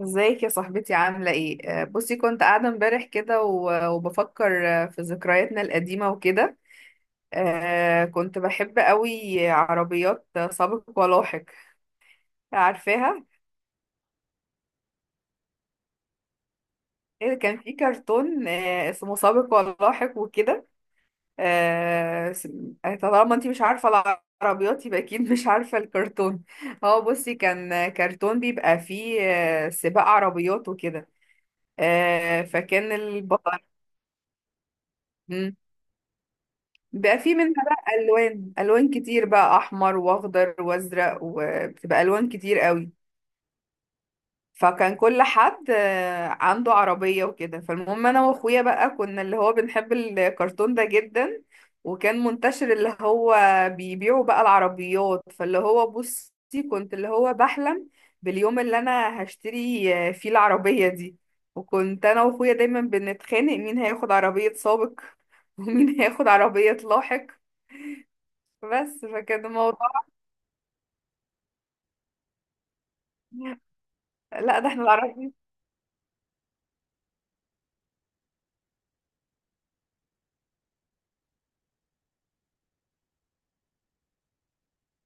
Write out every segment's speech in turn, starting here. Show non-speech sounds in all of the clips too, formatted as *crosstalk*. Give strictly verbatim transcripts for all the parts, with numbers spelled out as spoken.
ازيك يا صاحبتي عاملة ايه؟ آه، بصي كنت قاعدة امبارح كده و- وبفكر آه، في ذكرياتنا القديمة وكده. آه، كنت بحب قوي عربيات سابق ولاحق. عارفاها؟ إيه، كان في كرتون آه، اسمه سابق ولاحق وكده. آه، س- آه، طالما انتي مش عارفة العربيات يبقى اكيد مش عارفة الكرتون. اه، بصي كان كرتون بيبقى فيه آه، سباق عربيات وكده. آه، فكان البطل. بقى في منها بقى الوان الوان كتير بقى احمر واخضر وازرق وبتبقى الوان كتير قوي. فكان كل حد آه، عنده عربية وكده، فالمهم انا واخويا بقى كنا اللي هو بنحب الكرتون ده جدا. وكان منتشر اللي هو بيبيعوا بقى العربيات، فاللي هو بصي كنت اللي هو بحلم باليوم اللي انا هشتري آه، فيه العربية دي. وكنت انا واخويا دايما بنتخانق مين هياخد عربية سابق *laughs* ومين هياخد عربية لاحق. بس فكان الموضوع. لا ده احنا العربية.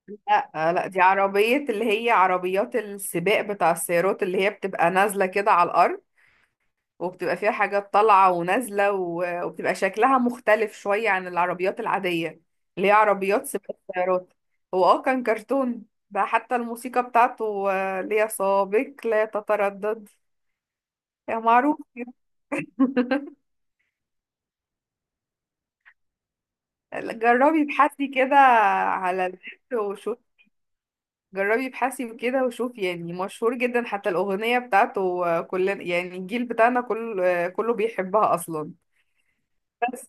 لا لا، دي عربية اللي هي عربيات السباق بتاع السيارات اللي هي بتبقى نازلة كده على الأرض، وبتبقى فيها حاجات طالعة ونازلة و- وبتبقى شكلها مختلف شوية عن العربيات العادية. اللي هي عربيات سباق السيارات. هو اه كان كرتون ده، حتى الموسيقى بتاعته آه، اللي هي سابق لا تتردد يا معروف. *laughs* جربي ابحثي كده على النت وشوفي. جربي ابحثي وكده وشوفي، يعني مشهور جدا حتى الأغنية بتاعته كلنا، يعني الجيل بتاعنا كله كله بيحبها أصلا. بس.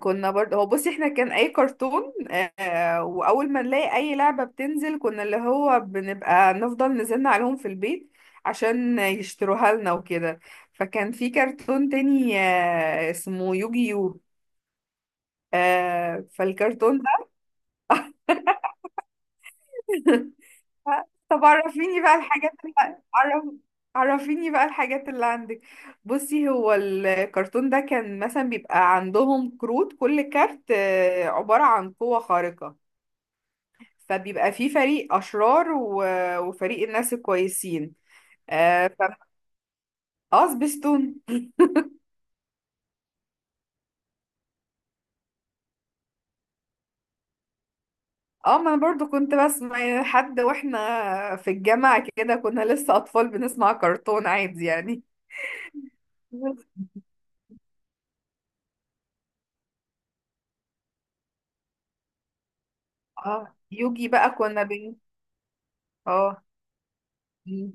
كنا برضه هو بصي احنا كان أي كرتون آه، وأول ما نلاقي أي لعبة بتنزل كنا اللي هو بنبقى نفضل نزلنا عليهم في البيت عشان يشتروها لنا وكده. فكان في كرتون تاني آه، اسمه يوجيو. آه، فالكرتون ده. *laughs* طب عرفيني بقى الحاجات اللي عرف... عرفيني بقى الحاجات اللي عندك. بصي هو الكرتون ده كان مثلا بيبقى عندهم كروت، كل كارت آه، عبارة عن قوة خارقة. فبيبقى فيه فريق أشرار و... وفريق الناس الكويسين. اه ف... آه، سبيستون. اه، ما انا برضو كنت بسمع يعني، حد واحنا في الجامعة كده كنا لسه أطفال بنسمع كرتون عادي يعني. *laughs* اه، يوجي بقى كنا بين. اه. مم.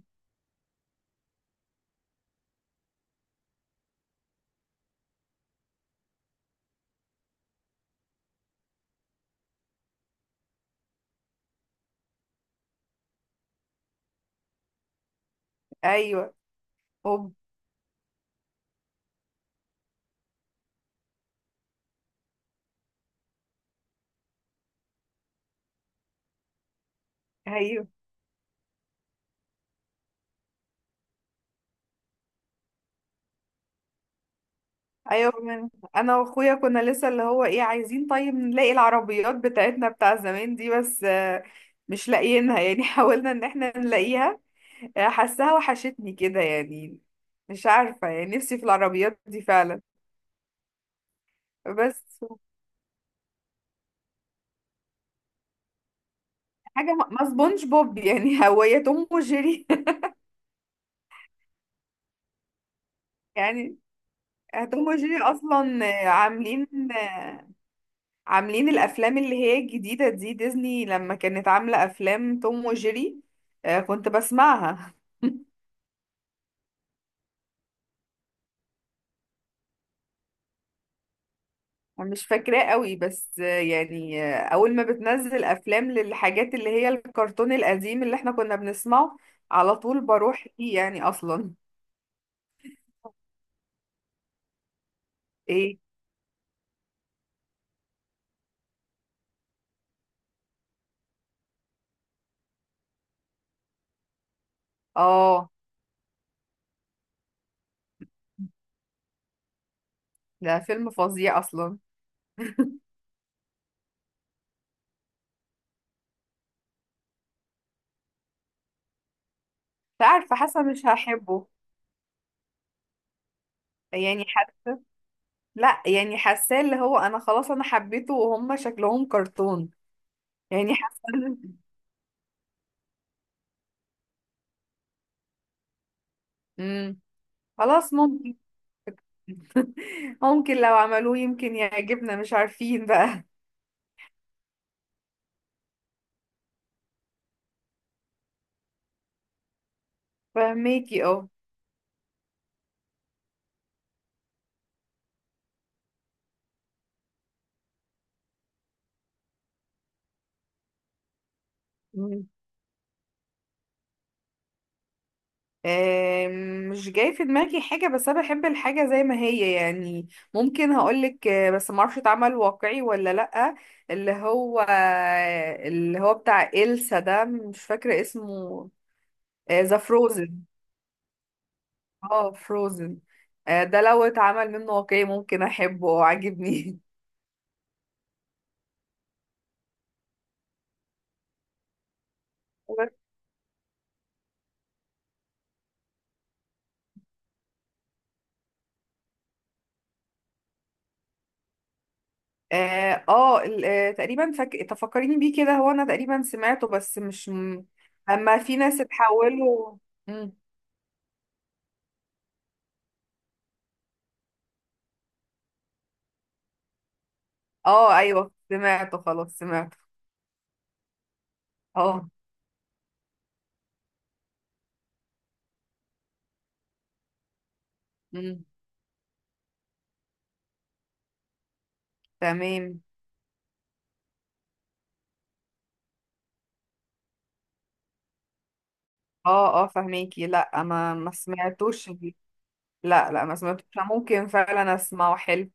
ايوه ايوه ايوه. من انا واخويا كنا لسه اللي هو ايه عايزين طيب نلاقي العربيات بتاعتنا بتاع زمان دي بس آه، مش لاقيينها يعني *laughs* حاولنا ان احنا نلاقيها. آه، حاساها وحشتني كده يعني. مش عارفة يعني نفسي في العربيات دي فعلا. بس حاجة ما ما سبونج بوب يعني *laughs* هو يا توم وجيري. *laughs* يعني. توم وجيري اصلا آه، عاملين عاملين الافلام اللي هي الجديده دي ديزني لما كانت عامله افلام توم وجيري. آه، كنت بسمعها. *laughs* أنا مش فاكراه قوي بس آه، يعني آه، اول ما بتنزل افلام للحاجات اللي هي الكرتون القديم اللي احنا كنا بنسمعه على طول بروح فيه يعني اصلا. ايه. اه، ده فيلم فظيع اصلا. *laughs* مش عارفه حاسه مش هحبه. يعني حاسه. لا، يعني حاساه اللي هو انا خلاص انا حبيته وهم شكلهم كرتون. يعني حاسه. امم خلاص ممكن. ممكن لو عملوه يمكن يعجبنا مش عارفين بقى. *laughs* فهميكي اه. امم آم، مش جاي في دماغي حاجة بس أنا بحب الحاجة زي ما هي يعني. ممكن هقولك آه، بس معرفش اتعمل واقعي ولا لأ. اللي هو اللي هو بتاع إلسا ده مش فاكرة اسمه. آه، ذا فروزن. اه، فروزن. آه، ده لو اتعمل منه واقعي ممكن أحبه وعاجبني. *laughs* اه. آه، ال- آه، تقريبا فك... تفكريني بيه كده هو انا تقريبا سمعته بس مش م... اما في ناس اتحولوا. مم. اه ايوه سمعته خلاص سمعته. اه. مم. تمام. اه اه فهميكي. لا ما ما سمعتوش دي. لا لا، ما سمعتوش، ممكن فعلا اسمعه حلو.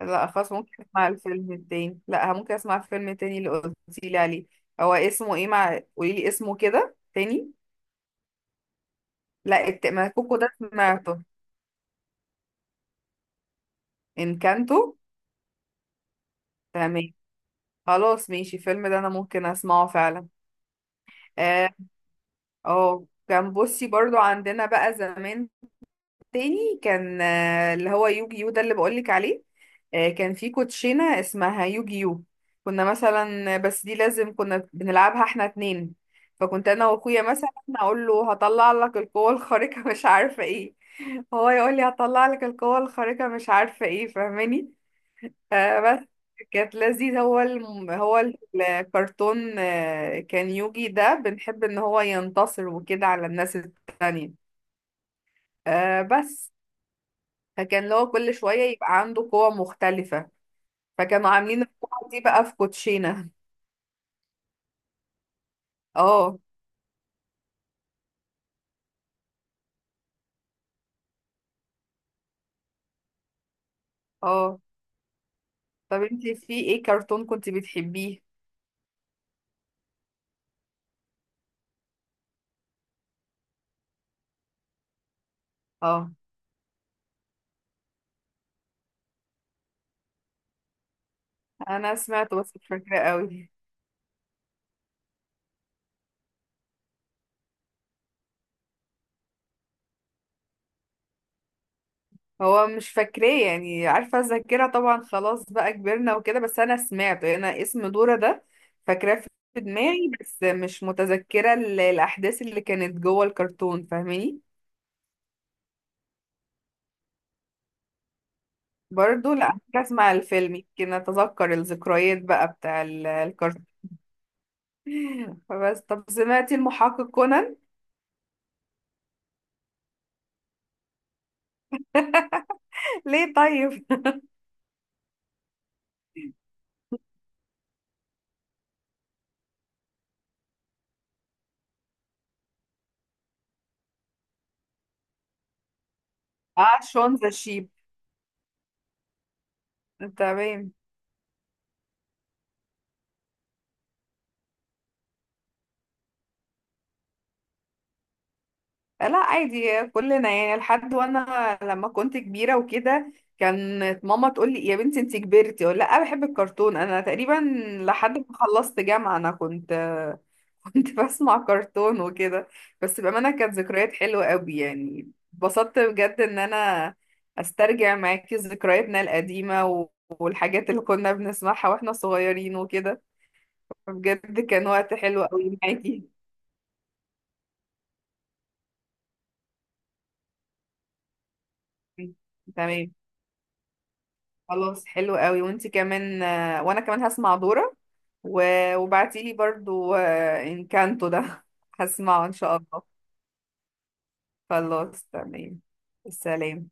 لا، خلاص ممكن اسمع الفيلم التاني، لا ممكن اسمع الفيلم التاني اللي قلتي لي عليه. هو اسمه ايه؟ مع، قولي لي اسمه كده تاني. لا الت... ما كوكو ده سمعته. انكانتو. تمام. خلاص ماشي الفيلم ده انا ممكن اسمعه فعلا. اه. آه، كان بصي برضو عندنا بقى زمان تاني كان آه، اللي هو يوجي يو ده اللي بقولك عليه. آه، كان في كوتشينة اسمها يوجي يو. كنا مثلا بس دي لازم كنا بنلعبها احنا اتنين. فكنت انا واخويا مثلا اقول له هطلع لك القوة الخارقة *laughs* مش عارفة ايه، هو يقول لي هطلع لك القوة الخارقة مش عارفة ايه فاهماني. فبس. كانت لذيذة. هو الم... هو الكرتون آه، كان يوجي ده بنحب ان هو ينتصر وكده على الناس التانية. آه، بس. فكان اللي هو كل شوية يبقى عنده قوة مختلفة. فكانوا عاملين القوة دي بقى في كوتشينة. اه. اه. طب انتي في ايه كرتون كنت بتحبيه؟ اه، انا سمعته بس مش فاكرة قوي. هو مش فاكراه يعني، عارفة الذاكرة طبعا خلاص بقى كبرنا وكده، بس أنا سمعته، أنا اسم دورة ده فاكراه في دماغي بس مش متذكرة ال- الأحداث اللي كانت جوه الكرتون فاهماني. برضو لا أحتاج أسمع الفيلم يمكن أتذكر الذكريات بقى بتاع ال- الكرتون. *laughs* فبس. طب سمعتي المحقق كونان؟ *laughs* ليه طيب؟ *laughs* اه، شون ذا شيب. تمام. لا عادي كلنا يعني، لحد وانا لما كنت كبيرة وكده كانت ماما تقول لي يا بنتي انت كبرتي، اقول لا بحب الكرتون. انا تقريبا لحد ما خلصت جامعة انا كنت *laughs* كنت بسمع كرتون وكده. بس بأمانة كانت ذكريات حلوة قوي يعني، اتبسطت بجد ان انا استرجع معاكي ذكرياتنا القديمة و- والحاجات اللي كنا بنسمعها واحنا صغيرين وكده. بجد كان وقت حلو قوي معاكي. تمام. خلاص حلو قوي وانت كمان آه، وانا كمان هسمع دورة و- وبعتيلي برضو آه، انكانتو ده. *laughs* هسمعه ان شاء الله. خلاص تمام. السلام.